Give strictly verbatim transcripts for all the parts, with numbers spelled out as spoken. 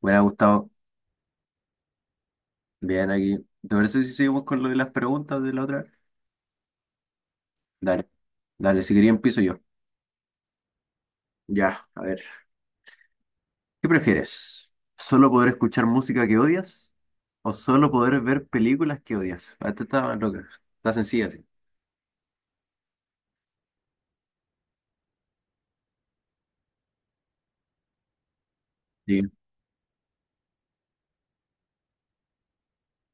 Buena, Gustavo. Bien aquí. ¿Te parece si seguimos con lo de las preguntas de la otra vez? Dale, dale, si quería empiezo yo. Ya, a ver. ¿Qué prefieres? ¿Solo poder escuchar música que odias o solo poder ver películas que odias? Ah, esta está loca, está sencilla, sí. Sí,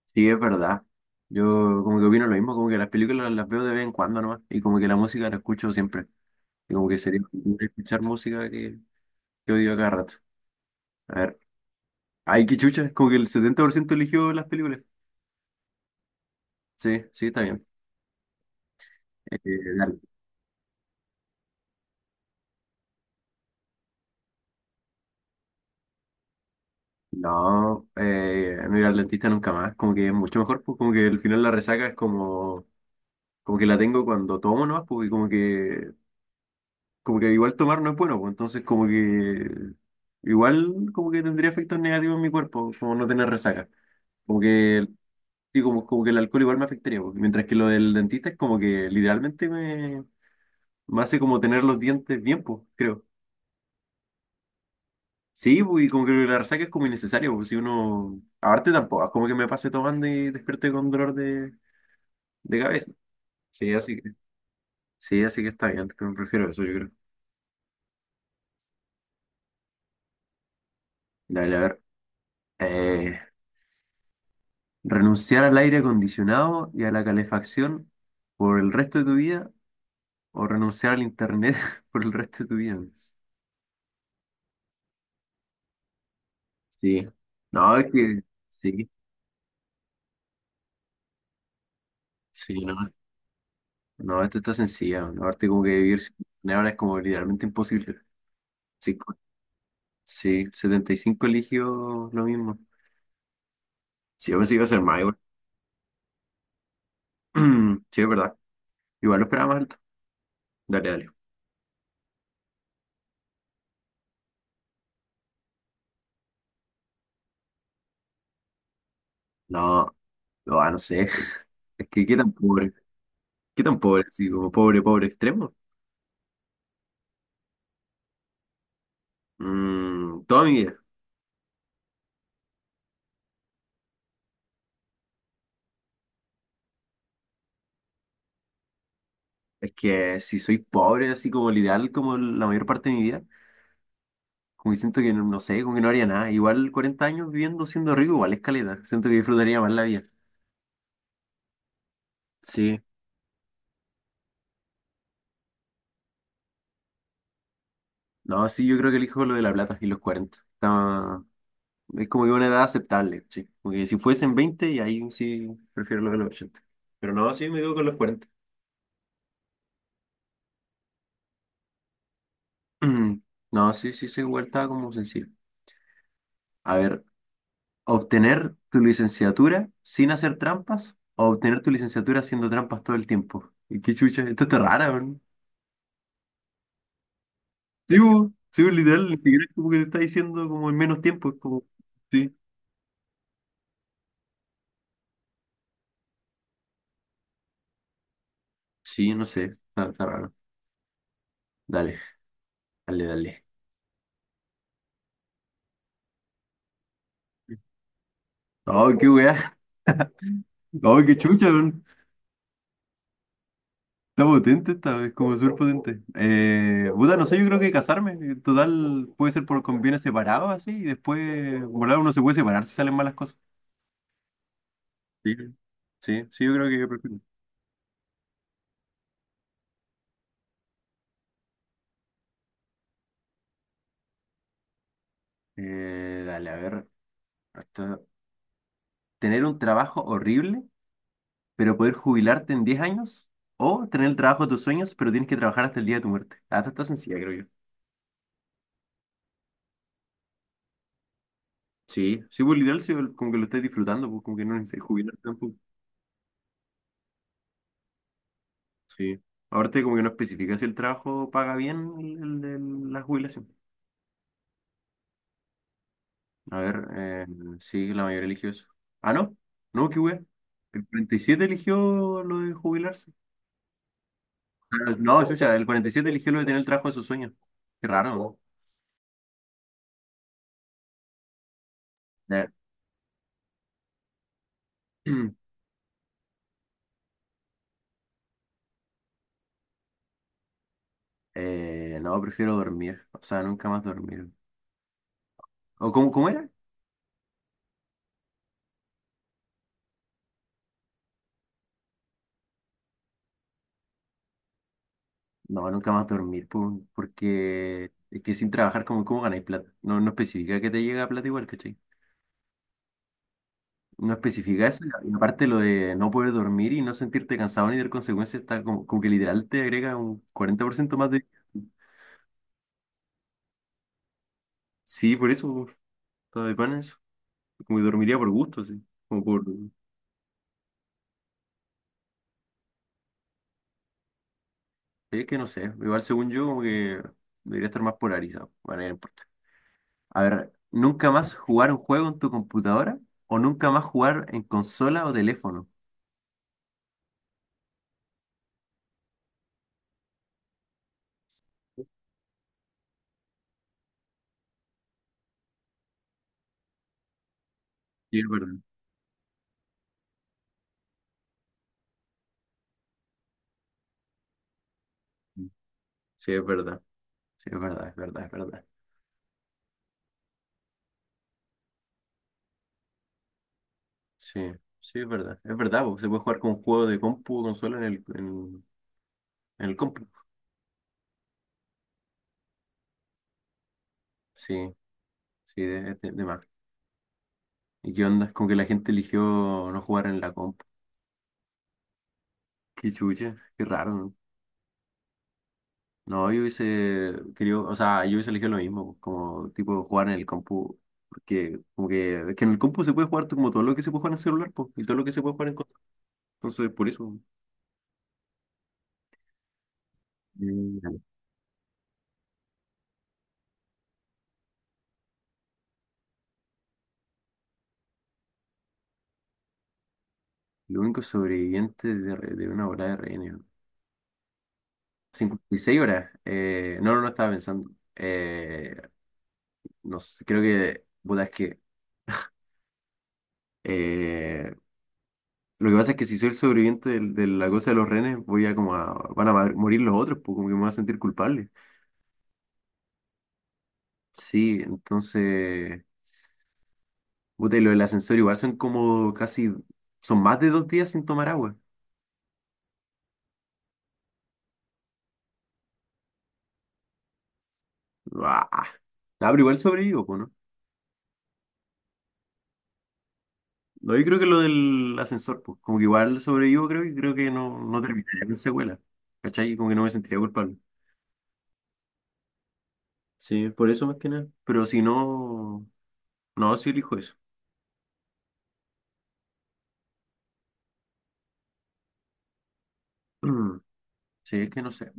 sí, es verdad. Yo como que opino lo mismo, como que las películas las veo de vez en cuando nomás y como que la música la escucho siempre. Y como que sería mejor escuchar música que, que odio a cada rato. A ver, ay, qué chucha, es como que el setenta por ciento eligió las películas. Sí, sí, está bien. Eh, Dale. No, eh, no ir al dentista nunca más, como que es mucho mejor, pues como que al final la resaca es como, como que la tengo cuando tomo nomás, pues y como que, como que igual tomar no es bueno, pues entonces como que igual como que tendría efectos negativos en mi cuerpo, como no tener resaca. Como que, sí, como, como que el alcohol igual me afectaría, pues, mientras que lo del dentista es como que literalmente me, me hace como tener los dientes bien, pues, creo. Sí, pues, y como que la resaca es como innecesaria, porque si uno. Aparte tampoco, es como que me pase tomando y despierte con dolor de, de cabeza. Sí, así que, sí, así que está bien, pero prefiero eso, yo creo. Dale, a ver. Eh, ¿renunciar al aire acondicionado y a la calefacción por el resto de tu vida o renunciar al internet por el resto de tu vida? Sí. No, es que. Sí, sí, no. No, esto está sencilla. Aparte, como que vivir sin internet ahora es como literalmente imposible. Sí. Sí, setenta y cinco eligió lo mismo. Sí, yo pensé que iba a ser más igual. Sí, es verdad. Igual lo esperaba más alto. Dale, dale. No, no, ah, no sé. Es que qué tan pobre. Qué tan pobre, así como pobre, pobre extremo. Mm, toda mi vida. Es que si soy pobre, así como el ideal, como la mayor parte de mi vida, como que siento que no, no sé, como que no haría nada. Igual cuarenta años viviendo siendo rico, igual es caleta. Siento que disfrutaría más la vida. Sí, no, sí, yo creo que elijo lo de la plata y los cuarenta. Está, es como que una edad aceptable, sí. Porque si fuesen veinte y ahí sí prefiero lo de los ochenta. Pero no, sí me quedo con los cuarenta. No, sí, sí, sí, igual estaba como sencillo. A ver, obtener tu licenciatura sin hacer trampas o obtener tu licenciatura haciendo trampas todo el tiempo. Y qué chucha, esto está rara, weón. Sí, bo, sí, bo, literal, ni siquiera es como que te está diciendo como en menos tiempo, es como, sí. Sí, no sé, está, está raro. Dale, dale, dale. Ay, qué weá. Ay, qué chucha, weón. Está potente esta vez, como súper potente. Eh, puta, no sé, yo creo que casarme, eh, total, puede ser por convienes separados así, y después, volar uno se puede separar si salen malas cosas. Sí, sí, sí, yo creo que yo prefiero. Eh, dale, a ver, hasta- tener un trabajo horrible, pero poder jubilarte en diez años, o tener el trabajo de tus sueños, pero tienes que trabajar hasta el día de tu muerte. Hasta está sencilla, creo yo. Sí, sí, pues literal, sí, como que lo estás disfrutando, pues como que no necesitas jubilar tampoco. Sí. Aparte, como que no especifica si el trabajo paga bien el, el de la jubilación. A ver, eh, sí, la mayoría eligió eso. Ah, no, no, qué wea. El cuarenta y siete eligió lo de jubilarse. Ah, no, chucha, el cuarenta y siete eligió lo de tener el trabajo de sus sueños. Qué raro, ¿no? Eh, eh, no, prefiero dormir. O sea, nunca más dormir. ¿O cómo, cómo era? No, nunca más dormir, po, porque es que sin trabajar, ¿cómo cómo ganáis plata? No, no especifica que te llega plata igual, no especifica eso, y aparte lo de no poder dormir y no sentirte cansado ni tener consecuencias, está como, como que literal te agrega un cuarenta por ciento más de... Sí, por eso, todo de pan eso. Como que dormiría por gusto, sí. Como por... Es que no sé, igual según yo como que debería estar más polarizado. Bueno, ya no importa. A ver, ¿nunca más jugar un juego en tu computadora o nunca más jugar en consola o teléfono? Sí, es verdad. Sí, es verdad. Sí, es verdad, es verdad, es verdad. Sí, sí, es verdad. Es verdad, porque se puede jugar con juegos de compu, consola en el, en, en el compu. Sí, sí, de, de, de más. ¿Y qué onda? Es como que la gente eligió no jugar en la compu. Qué chucha, qué raro, ¿no? No, yo hubiese querido, o sea, yo hubiese elegido lo mismo, como tipo jugar en el compu. Porque como que, es que en el compu se puede jugar to- como todo lo que se puede jugar en celular, pues, y todo lo que se puede jugar en consola. Entonces, por eso. Mm. Lo único sobreviviente de, re- de una hora de reino. cincuenta y seis horas. Eh, no, no, no estaba pensando. Eh, no sé, creo que, puta, es que eh, lo que pasa es que si soy el sobreviviente del- de, la cosa de los renes, voy a como a, van a ma- morir los otros, pues como que me voy a sentir culpable. Sí, entonces, puta, y lo del ascensor igual son como casi, son más de dos días sin tomar agua. Ah, nah, pero igual sobrevivo, pues, ¿no? No, yo creo que lo del ascensor, pues, como que igual sobrevivo, creo, y creo que no, no terminaría con secuela. ¿Cachai? Como que no me sentiría culpable. Sí, por eso más que nada. Pero si no, no, sí elijo eso. Mm, sí, es que no sé.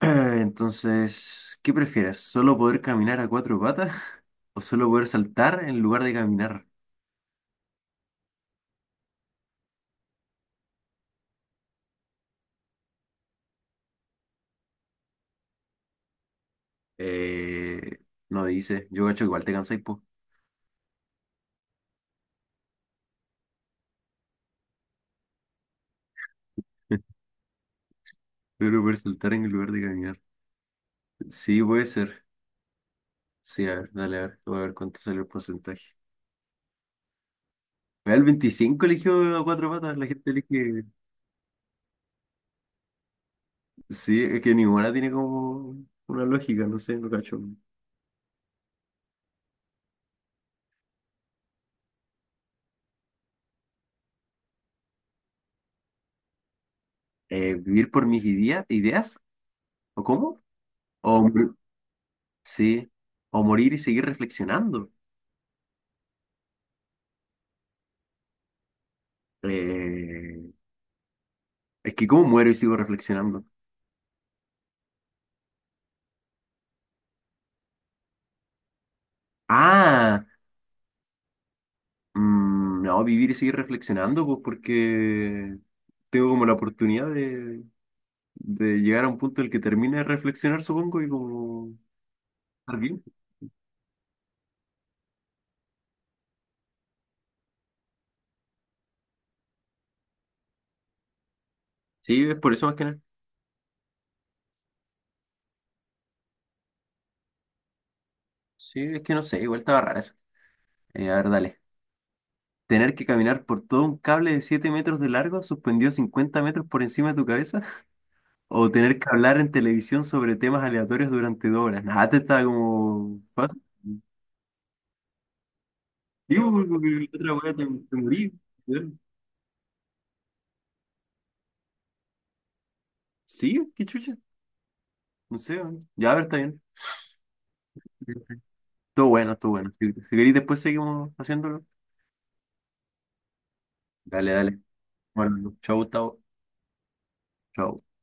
Entonces, ¿qué prefieres? ¿Solo poder caminar a cuatro patas o solo poder saltar en lugar de caminar? Eh, no dice, yo gacho igual te cansáis, po. Solo poder saltar en lugar de caminar. Sí, puede ser. Sí, a ver, dale, a ver, voy a ver cuánto sale el porcentaje. Vea, el veinticinco eligió a cuatro patas, la gente elige. Sí, es que ninguna tiene como una lógica, no sé, no cacho. eh, vivir por mis idea- ideas, ¿o cómo? O, mor- sí, o morir y seguir reflexionando. Eh, es que ¿cómo muero y sigo reflexionando? Ah, mm, no, vivir y seguir reflexionando, pues porque tengo como la oportunidad de, de llegar a un punto en el que termine de reflexionar, supongo, y como estar bien. Sí, es por eso más que nada. Sí, es que no sé, igual estaba rara eso. Eh, a ver, dale. Tener que caminar por todo un cable de siete metros de largo suspendido cincuenta metros por encima de tu cabeza. O tener que hablar en televisión sobre temas aleatorios durante dos horas. Nada, te está como fácil. Digo porque la otra wea te, te morí. Weón. Sí, qué chucha. No sé, weón. Ya, a ver, está bien. Todo bueno, todo bueno. Si, si queréis, después seguimos haciéndolo. Dale, dale. Bueno, chao, Gustavo. Chao.